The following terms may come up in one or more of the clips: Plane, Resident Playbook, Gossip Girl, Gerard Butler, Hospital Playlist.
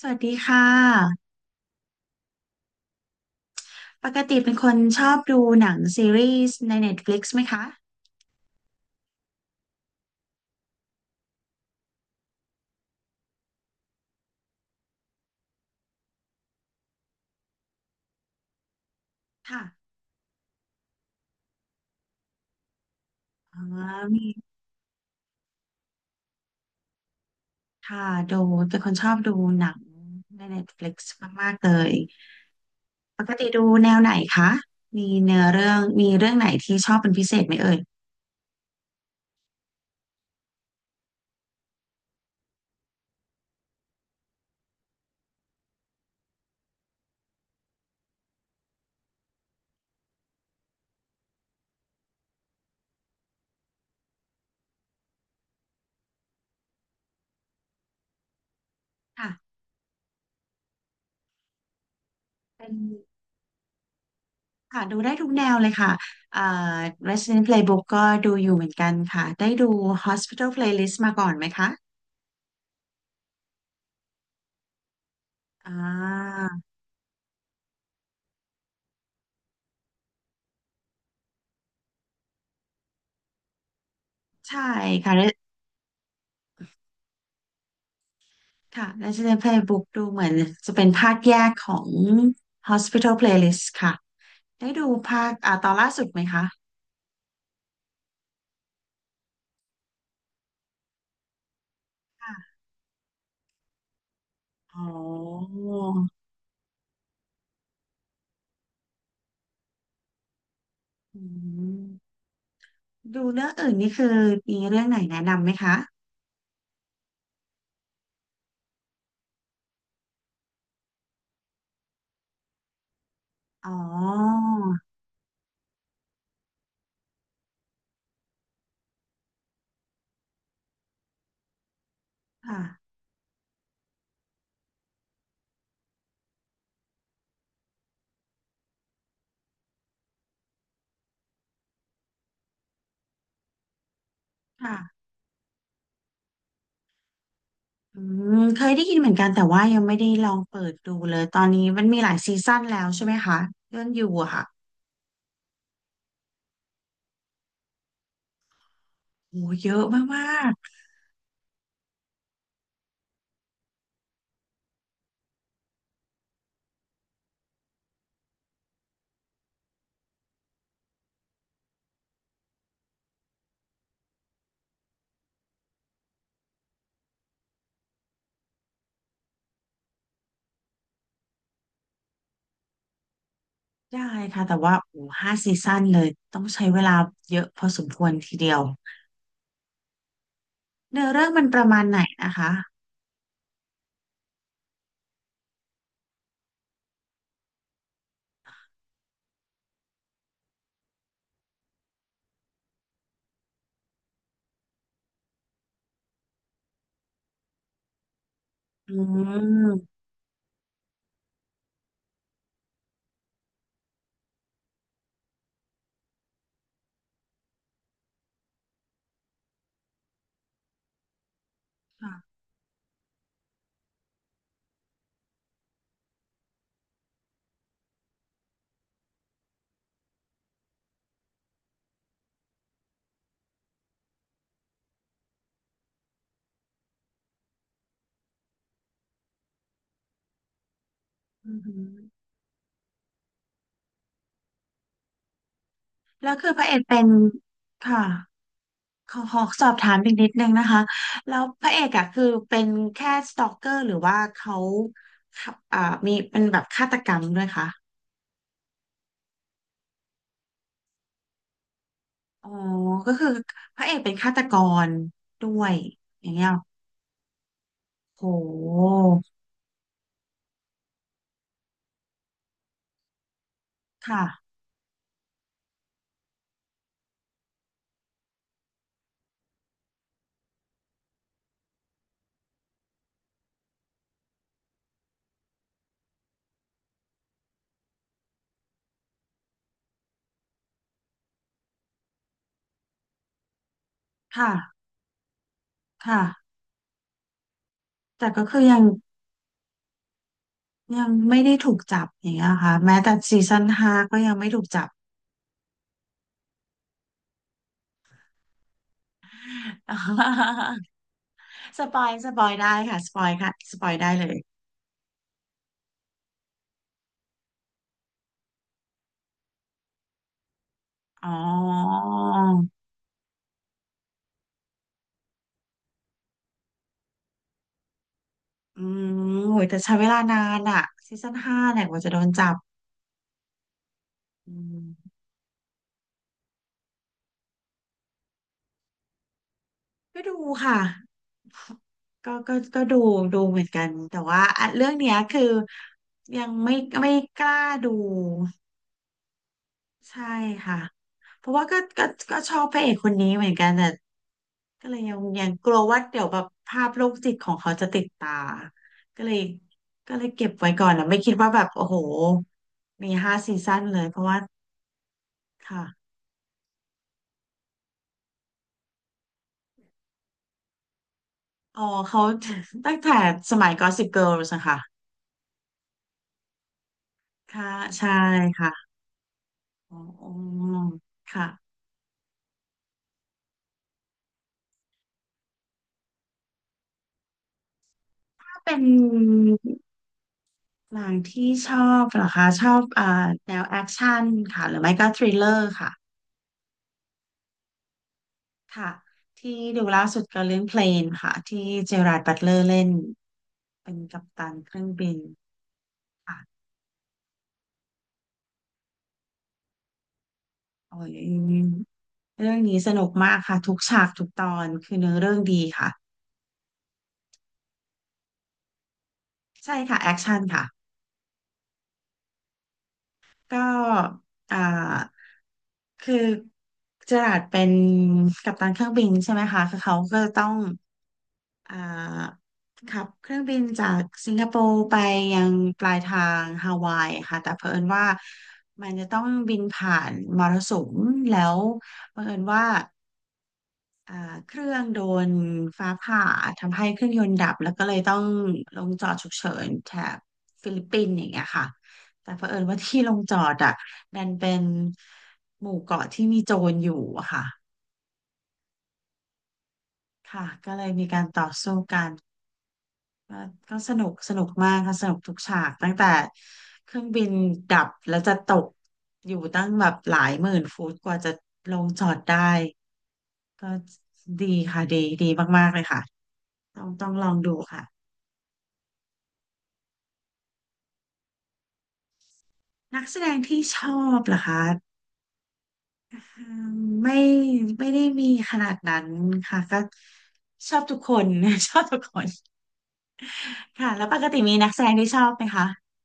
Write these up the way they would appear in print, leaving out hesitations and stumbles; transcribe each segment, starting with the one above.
สวัสดีค่ะปกติเป็นคนชอบดูหนังซีรีส์ใน Netflix ไหมคะค่ะอ๋อมีค่ะดูเป็นคนชอบดูหนังใน Netflix มากๆเลยปกติดูแนวไหนคะมีเนื้อเรื่องมีเรื่องไหนที่ชอบเป็นพิเศษไหมเอ่ยค่ะเป็นค่ะดูได้ทุกแนวเลยค่ะเอ่อ Resident Playbook ก็ดูอยู่เหมือนกันค่ะได้ดู Hospital Playlist มาก่อนไหมคะอ่าใช่ค่ะ ค่ะ Resident Playbook ดูเหมือนจะเป็นภาคแยกของ Hospital Playlist ค่ะ ได้ดูภาคอ่าตอนล่าสุดไหมคะค่ะอ๋ออืมดูเรื่องอื่นนี่คือมีเรื่องไหนแนะนำไหมคะ อ๋อค่ะค่ะอืมเคยได้ยินเหมือนกันแต่ว่ายังไม่ได้ลองเปิดดูเลย ตอนนี้มันมีหลายซีซั่นแล้วใช่ไหมคะ เรื่องอยู่อะค่ะโอ้เยอะมากๆได้ค่ะแต่ว่าโอ้ห้าซีซั่นเลยต้องใช้เวลาเยอะพอสมควรทีเดียว เนื้อเรื่องมันประมาณไหนนะคะอืมค่ะอือหือแล้วคือพระเอกเป็นค่ะขอขอสอบถามอีกนิดนึงนะคะแล้วพระเอกอะคือเป็นแค่สตอกเกอร์หรือว่าเขาอ่ามีเป็นแบบฆาตกรรมด้วยคะอ๋อก็คือพระเอกเป็นฆาตกรด้วยอย่างเงี้ยโหค่ะค่ะค่ะแต่ก็คือยังยังไม่ได้ถูกจับอย่างเงี้ยค่ะแม้แต่ซีซั่นห้าก็ยังไม่ถูกจับ อ๋อสปอยสปอยได้ค่ะสปอยค่ะสปอยได้เลยอ๋ออืมโหยแต่ใช้เวลานานอะซีซั่นห้าเนี่ยกว่าจะโดนจับอืมก็ดูค่ะก็ดูดูเหมือนกันแต่ว่าอ่ะเรื่องเนี้ยคือยังไม่ไม่กล้าดูใช่ค่ะเพราะว่าก็ชอบพระเอกคนนี้เหมือนกันแต่ ก็เลยยังกลัวว่าเดี๋ยวแบบภาพโรคจิตของเขาจะติดตา ก็เลยก็เลยเก็บไว้ก่อนนะไม่คิดว่าแบบโอ้โหมีห้าซีซั่นเลยเพราะว่าค่ะอ๋อเขา ตั้งแต่สมัย Gossip Girls นะคะค่ะใช่ค่ะอ๋ออ๋อค่ะถ้าเป็นหนังที่ชอบเหรอคะชอบอ่าแนวแอคชั่นค่ะหรือไม่ก็ทริลเลอร์ค่ะค่ะที่ดูล่าสุดก็เรื่องเพลนค่ะที่เจอราร์ดบัตเลอร์เล่น เป็นกัปตันเครื่องบินค่ะโอ้ยเรื่องนี้สนุกมากค่ะทุกฉากทุกตอนคือเนื้อเรื่องดีค่ะใช่ค่ะแอคชั่นค่ะก็อ่าคือเจอราร์ดเป็นกัปตันเครื่องบินใช่ไหมคะคือเขาก็จะต้องอ่าขับเครื่องบินจากสิงคโปร์ไปยังปลายทางฮาวายค่ะแต่เผอิญว่ามันจะต้องบินผ่านมรสุมแล้วบังเอิญว่า อ่าเครื่องโดนฟ้าผ่าทำให้เครื่องยนต์ดับแล้วก็เลยต้องลงจอดฉุกเฉินแถบฟิลิปปินส์อย่างเงี้ยค่ะแต่เผอิญว่าที่ลงจอดอ่ะดันเป็นหมู่เกาะที่มีโจรอยู่อะค่ะค่ะก็เลยมีการต่อสู้กันก็ก็สนุกสนุกมากค่ะสนุกทุกฉากตั้งแต่เครื่องบินดับแล้วจะตกอยู่ตั้งแบบหลายหมื่นฟุตกว่าจะลงจอดได้ก็ดีค่ะดีดีมากๆเลยค่ะต้องต้องลองดูค่ะ นักแสดงที่ชอบเหรอคะอืมไม่ไม่ได้มีขนาดนั้นค่ะก็ชอบทุกคน ชอบทุกคนค่ะแล้วปกติมีนักแสดงที่ชอบไหมคะ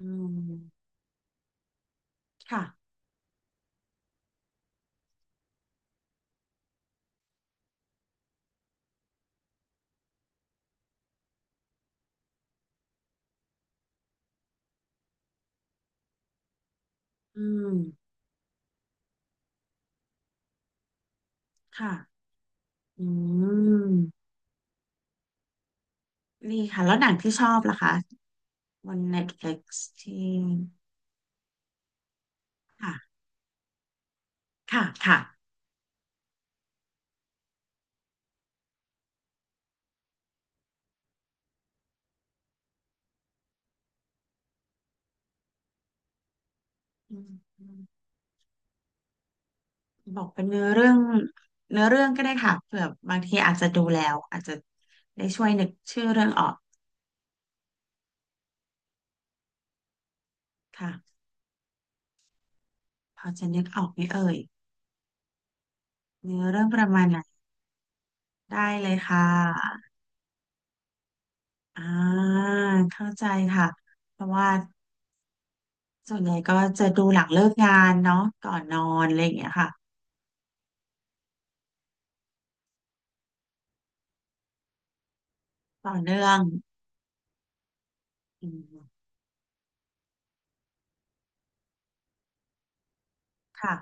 อืมค่ะอืมค่ะอืมดีค่ะแล้วหนังที่ชอบล่ะคะบน Netflix ที่ค่ะค่ะค่ะอืมอืมบอกเป็นเนื้อเรื่องเนื้อเรื่องก็ได้ค่ะเผื่อบางทีอาจจะดูแล้วอาจจะได้ช่วยนึกชื่อเรื่องออกค่ะ พอจะนึกออกไหมเอ่ยเนื้อเรื่องประมาณไหนได้เลยค่ะอ่าเข้าใจค่ะ เพราะว่าส่วนใหญ่ก็จะดูหลังเลิกงานเนาะก่อนนอนอะไรอย่างเงี้ยค่ะต่อเนื่องอืมค่ะ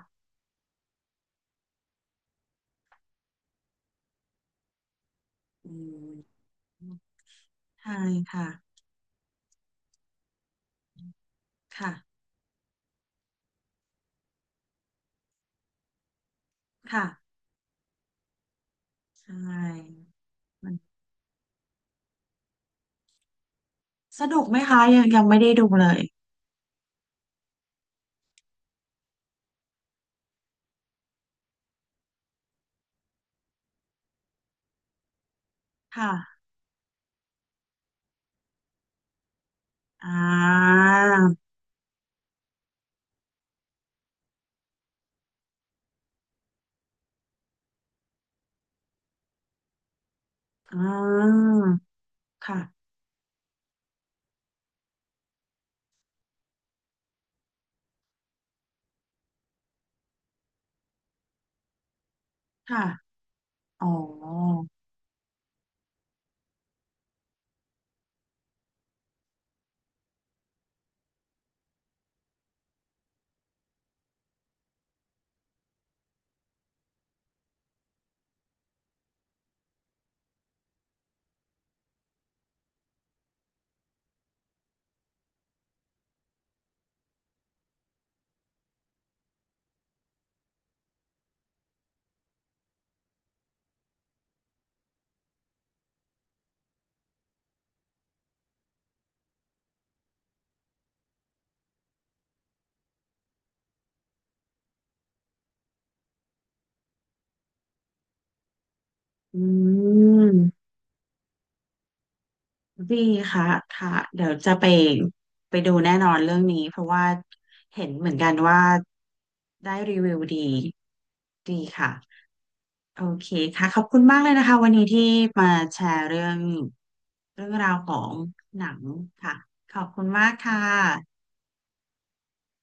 อืมใช่ค่ะค่ะค่ะใช่มันสนุกไหมคะยังยังไม่ได้ดูเลยค่ะอ่าอ่าค่ะค่ะอ๋ออืม ดีค่ะค่ะเดี๋ยวจะไปไปดูแน่นอนเรื่องนี้เพราะว่าเห็นเหมือนกันว่าได้รีวิวดีดีค่ะโอเคค่ะขอบคุณมากเลยนะคะวันนี้ที่มาแชร์เรื่องเรื่องราวของหนังค่ะขอบคุณมากค่ะ